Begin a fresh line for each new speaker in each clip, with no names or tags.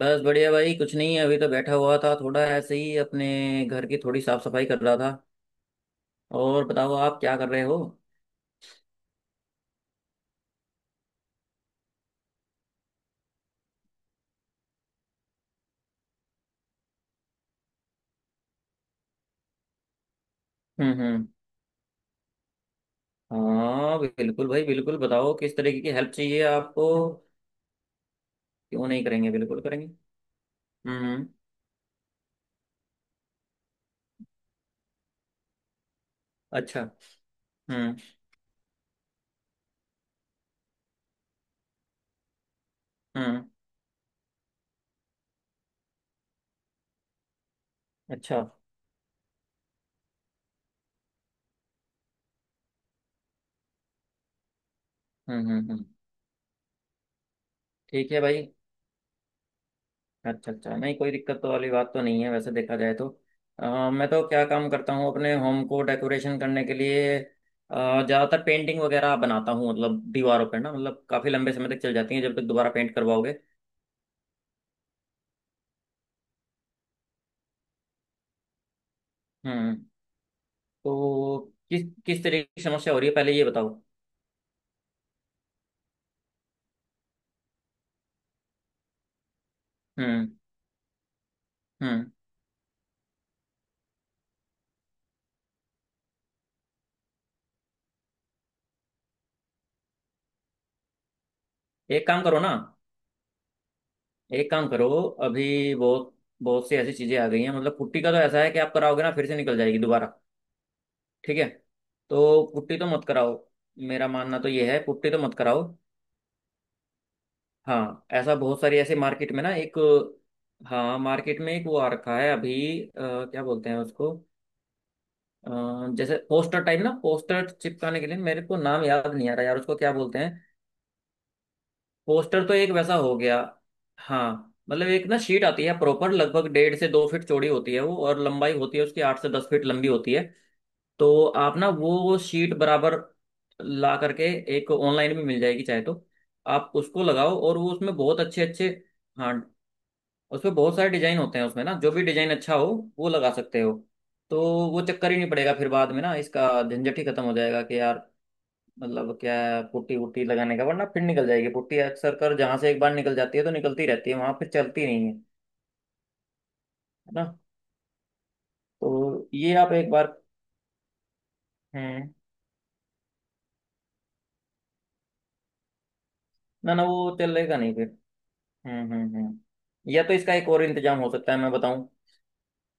बस बढ़िया भाई, कुछ नहीं, अभी तो बैठा हुआ था, थोड़ा ऐसे ही अपने घर की थोड़ी साफ सफाई कर रहा था। और बताओ आप क्या कर रहे हो। हम्म। हाँ बिल्कुल भाई, बिल्कुल, बताओ किस तरीके की हेल्प चाहिए आपको। क्यों नहीं करेंगे, बिल्कुल करेंगे। हम्म। अच्छा। हम्म हम्म। अच्छा। हम्म। ठीक है भाई। अच्छा अच्छा, नहीं कोई दिक्कत तो वाली बात तो नहीं है वैसे देखा जाए तो। मैं तो क्या काम करता हूँ, अपने होम को डेकोरेशन करने के लिए ज्यादातर पेंटिंग वगैरह बनाता हूँ, मतलब दीवारों पर ना, मतलब काफी लंबे समय तक चल जाती है जब तक दोबारा पेंट करवाओगे। हम्म। तो किस किस तरीके की समस्या हो रही है पहले ये बताओ। हम्म हम्म। एक काम करो ना। एक काम करो। अभी बहुत बहुत सी ऐसी चीजें आ गई हैं। मतलब पुट्टी का तो ऐसा है कि आप कराओगे ना फिर से निकल जाएगी दोबारा। ठीक है। तो पुट्टी तो मत कराओ। मेरा मानना तो ये है, पुट्टी तो मत कराओ। हाँ ऐसा बहुत सारी ऐसे मार्केट में ना एक, हाँ मार्केट में एक वो आ रखा है अभी। क्या बोलते हैं उसको। अ, जैसे पोस्टर टाइप ना, पोस्टर चिपकाने के लिए, मेरे को नाम याद नहीं आ रहा यार उसको क्या बोलते हैं। पोस्टर तो एक वैसा हो गया। हाँ मतलब एक ना शीट आती है प्रॉपर, लगभग 1.5 से 2 फीट चौड़ी होती है वो, और लंबाई होती है उसकी 8 से 10 फीट लंबी होती है। तो आप ना वो शीट बराबर ला करके, एक ऑनलाइन भी मिल जाएगी चाहे तो। आप उसको लगाओ और वो उसमें बहुत अच्छे अच्छे, हाँ उसमें बहुत सारे डिजाइन होते हैं, उसमें ना जो भी डिजाइन अच्छा हो वो लगा सकते हो। तो वो चक्कर ही नहीं पड़ेगा फिर बाद में ना, इसका झंझट ही खत्म हो जाएगा कि यार मतलब क्या है, पुट्टी वुट्टी लगाने का, वरना फिर निकल जाएगी पुट्टी, अक्सर कर जहां से एक बार निकल जाती है तो निकलती रहती है, वहां फिर चलती नहीं है, है ना। तो ये आप एक बार। हम्म। ना ना वो चलेगा नहीं फिर। या तो इसका एक और इंतजाम हो सकता है, मैं बताऊं।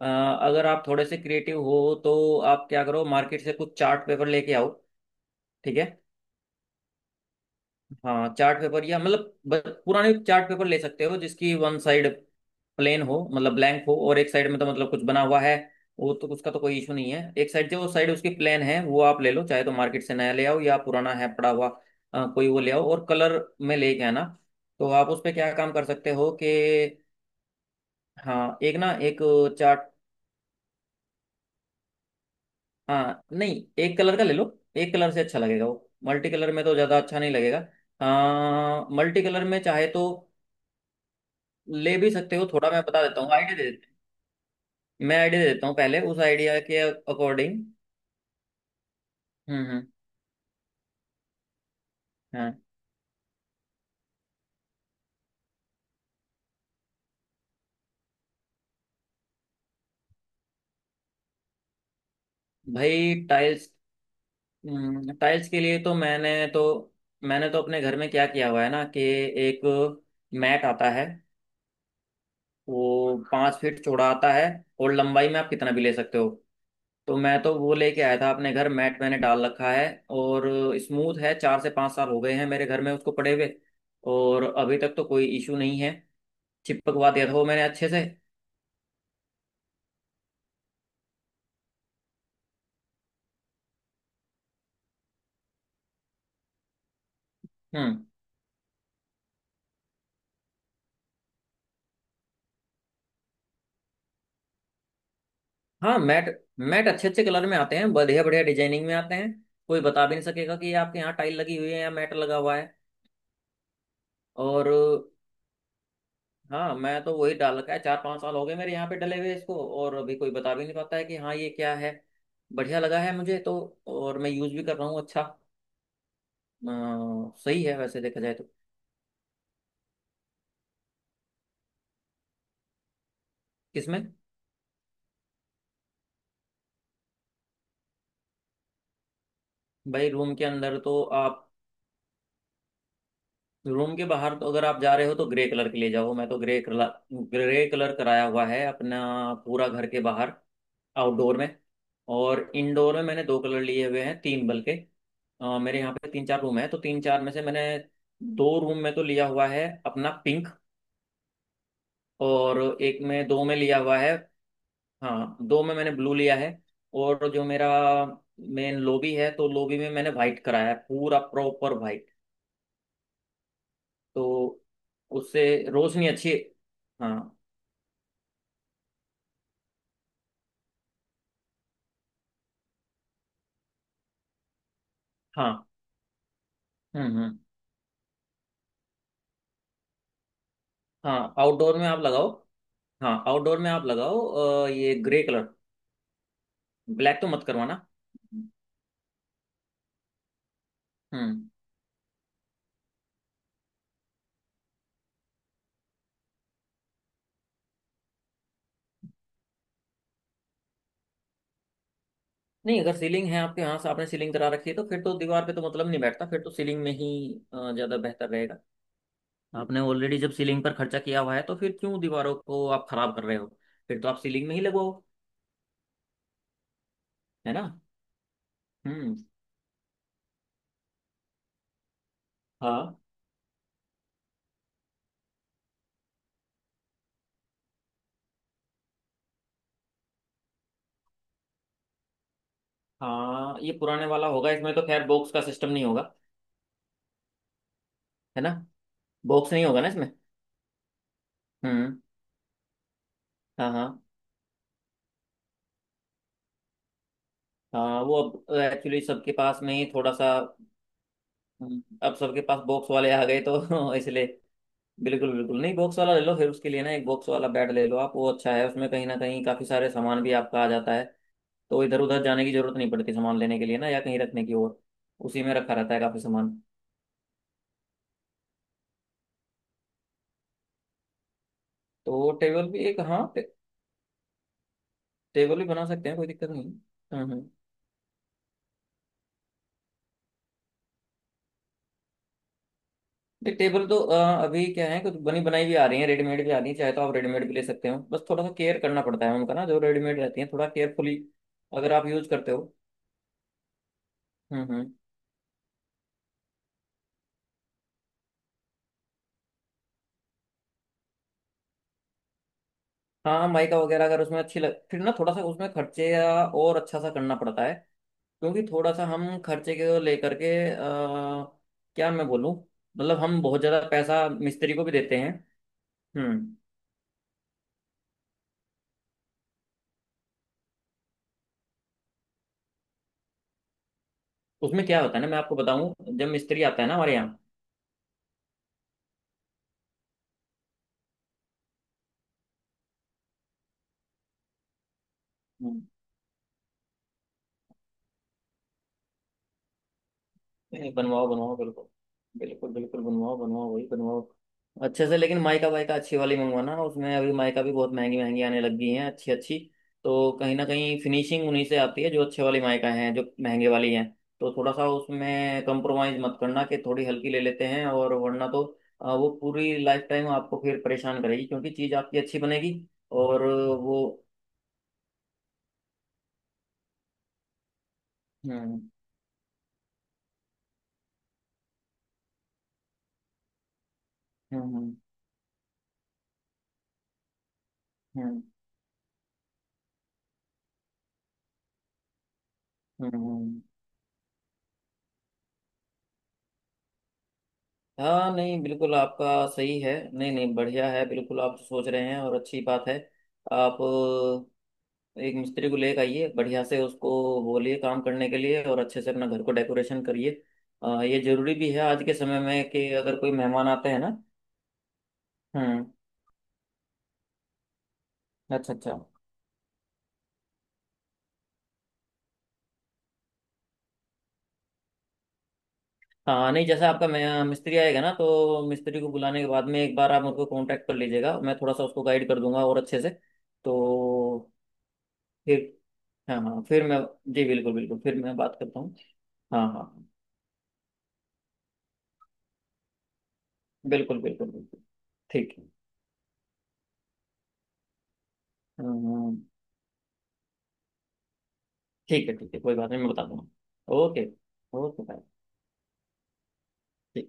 अ, अगर आप थोड़े से क्रिएटिव हो तो आप क्या करो, मार्केट से कुछ चार्ट पेपर लेके आओ। ठीक है। हाँ चार्ट पेपर, या मतलब पुराने चार्ट पेपर ले सकते हो जिसकी वन साइड प्लेन हो, मतलब ब्लैंक हो, और एक साइड में तो मतलब कुछ बना हुआ है वो तो उसका तो कोई इशू नहीं है। एक साइड जो साइड उसकी प्लेन है वो आप ले लो, चाहे तो मार्केट से नया ले आओ, या पुराना है पड़ा हुआ। कोई वो ले आओ, और कलर में लेके आना। तो आप उस पे क्या काम कर सकते हो कि, हाँ एक ना एक चार्ट। हाँ नहीं, एक कलर का ले लो। एक कलर से अच्छा लगेगा, वो मल्टी कलर में तो ज्यादा अच्छा नहीं लगेगा। हाँ मल्टी कलर में चाहे तो ले भी सकते हो थोड़ा, मैं बता देता हूँ, आइडिया दे देता हूँ, मैं आइडिया दे देता हूँ, पहले उस आइडिया के अकॉर्डिंग। हम्म। हाँ भाई टाइल्स। टाइल्स के लिए तो मैंने तो अपने घर में क्या किया हुआ है ना कि एक मैट आता है। वो 5 फीट चौड़ा आता है और लंबाई में आप कितना भी ले सकते हो। तो मैं तो वो लेके आया था अपने घर, मैट मैंने डाल रखा है और स्मूथ है। 4 से 5 साल हो गए हैं मेरे घर में उसको पड़े हुए, और अभी तक तो कोई इशू नहीं है। चिपकवा दिया था वो मैंने अच्छे से। हम्म। हाँ मैट मैट अच्छे अच्छे कलर में आते हैं, बढ़िया बढ़िया डिजाइनिंग में आते हैं। कोई बता भी नहीं सकेगा कि ये आपके यहाँ टाइल लगी हुई है या मैट लगा हुआ है। और हाँ, मैं तो वही डाल रखा है, चार पांच साल हो गए मेरे यहाँ पे डले हुए इसको, और अभी कोई बता भी नहीं पाता है कि हाँ ये क्या है। बढ़िया लगा है मुझे तो, और मैं यूज भी कर रहा हूँ। अच्छा। सही है वैसे देखा जाए तो। किसमें। भाई रूम के अंदर तो आप, रूम के बाहर तो अगर आप जा रहे हो तो ग्रे कलर के ले जाओ। मैं तो ग्रे कलर, ग्रे कलर कराया हुआ है अपना पूरा घर के बाहर, आउटडोर में। और इंडोर में मैंने दो कलर लिए हुए हैं, तीन बल्कि। मेरे यहाँ पे तीन चार रूम है, तो तीन चार में से मैंने दो रूम में तो लिया हुआ है अपना पिंक, और एक में दो में लिया हुआ है। हाँ दो में मैंने ब्लू लिया है। और जो मेरा मेन लॉबी है, तो लॉबी में मैंने वाइट कराया है, पूरा प्रॉपर वाइट। तो उससे रोशनी अच्छी। हाँ हाँ। हम्म। हाँ आउटडोर में आप लगाओ। हाँ आउटडोर में आप लगाओ ये ग्रे कलर। ब्लैक तो मत करवाना। हम्म। नहीं, अगर सीलिंग है आपके यहाँ से, आपने सीलिंग करा रखी है तो फिर तो दीवार पे तो मतलब नहीं बैठता, फिर तो सीलिंग में ही ज्यादा बेहतर रहेगा। आपने ऑलरेडी जब सीलिंग पर खर्चा किया हुआ है तो फिर क्यों दीवारों को आप खराब कर रहे हो, फिर तो आप सीलिंग में ही लगवाओ, है ना। हम्म। हाँ हाँ, ये पुराने वाला होगा, इसमें तो खैर बॉक्स का सिस्टम नहीं होगा, है ना। बॉक्स नहीं होगा ना इसमें। हम्म। हाँ हाँ, हाँ वो अब एक्चुअली सबके पास में ही थोड़ा सा। अब सबके पास बॉक्स वाले आ गए तो इसलिए, बिल्कुल बिल्कुल, नहीं बॉक्स वाला ले लो फिर, उसके लिए ना एक बॉक्स वाला बेड ले लो आप, वो अच्छा है। उसमें कहीं ना कहीं काफी सारे सामान भी आपका आ जाता है, तो इधर उधर जाने की जरूरत नहीं पड़ती सामान लेने के लिए ना, या कहीं रखने की, और उसी में रखा रहता है काफी सामान। तो टेबल भी एक, टेबल भी बना सकते हैं, कोई दिक्कत नहीं। हम्म हम्म। नहीं टेबल तो अभी क्या है, कुछ बनी बनाई भी आ रही है, रेडीमेड भी आ रही है। चाहे तो आप रेडीमेड भी ले सकते हो, बस थोड़ा सा केयर करना पड़ता है उनका ना, जो रेडीमेड रहती है थोड़ा केयरफुली अगर आप यूज करते हो। हम्म। हाँ माइका वगैरह अगर उसमें अच्छी लग, फिर ना थोड़ा सा उसमें खर्चे या, और अच्छा सा करना पड़ता है, क्योंकि थोड़ा सा हम खर्चे को लेकर के, आ, क्या मैं बोलूँ, मतलब हम बहुत ज़्यादा पैसा मिस्त्री को भी देते हैं। हम्म। उसमें क्या होता है ना, मैं आपको बताऊं, जब मिस्त्री आता है ना हमारे यहाँ। नहीं बनवाओ बनवाओ, बिल्कुल बिल्कुल बिल्कुल, बनवाओ बनवाओ, वही बनवाओ अच्छे से, लेकिन माइका वाइका अच्छी वाली मंगवाना। उसमें अभी माइका भी बहुत महंगी महंगी आने लग गई हैं, अच्छी अच्छी। तो कहीं ना कहीं फिनिशिंग उन्हीं से आती है जो अच्छे वाली माइका हैं, जो महंगे वाली हैं। तो थोड़ा सा उसमें कंप्रोमाइज मत करना कि थोड़ी हल्की ले लेते हैं और, वरना तो वो पूरी लाइफ टाइम आपको फिर परेशान करेगी, क्योंकि चीज़ आपकी अच्छी बनेगी और वो। हम्म हम्म हम्म हम्म हम्म हम्म। हाँ नहीं बिल्कुल आपका सही है, नहीं नहीं बढ़िया है बिल्कुल, आप सोच रहे हैं और, अच्छी बात है। आप एक मिस्त्री को लेकर आइए, बढ़िया से उसको बोलिए काम करने के लिए, और अच्छे से अपना घर को डेकोरेशन करिए। ये जरूरी भी है आज के समय में कि अगर कोई मेहमान आते हैं ना। हम्म। अच्छा अच्छा। हाँ नहीं, जैसा आपका मिस्त्री आएगा ना तो मिस्त्री को बुलाने के बाद में एक बार आप मुझको कांटेक्ट कर लीजिएगा, मैं थोड़ा सा उसको गाइड कर दूंगा और अच्छे से, तो फिर। हाँ हाँ फिर मैं। जी बिल्कुल बिल्कुल, फिर मैं बात करता हूँ। हाँ हाँ बिल्कुल बिल्कुल बिल्कुल। ठीक है। अम्म, ठीक है ठीक है, कोई बात नहीं, मैं बता दूंगा। ओके। Okay bye. ठीक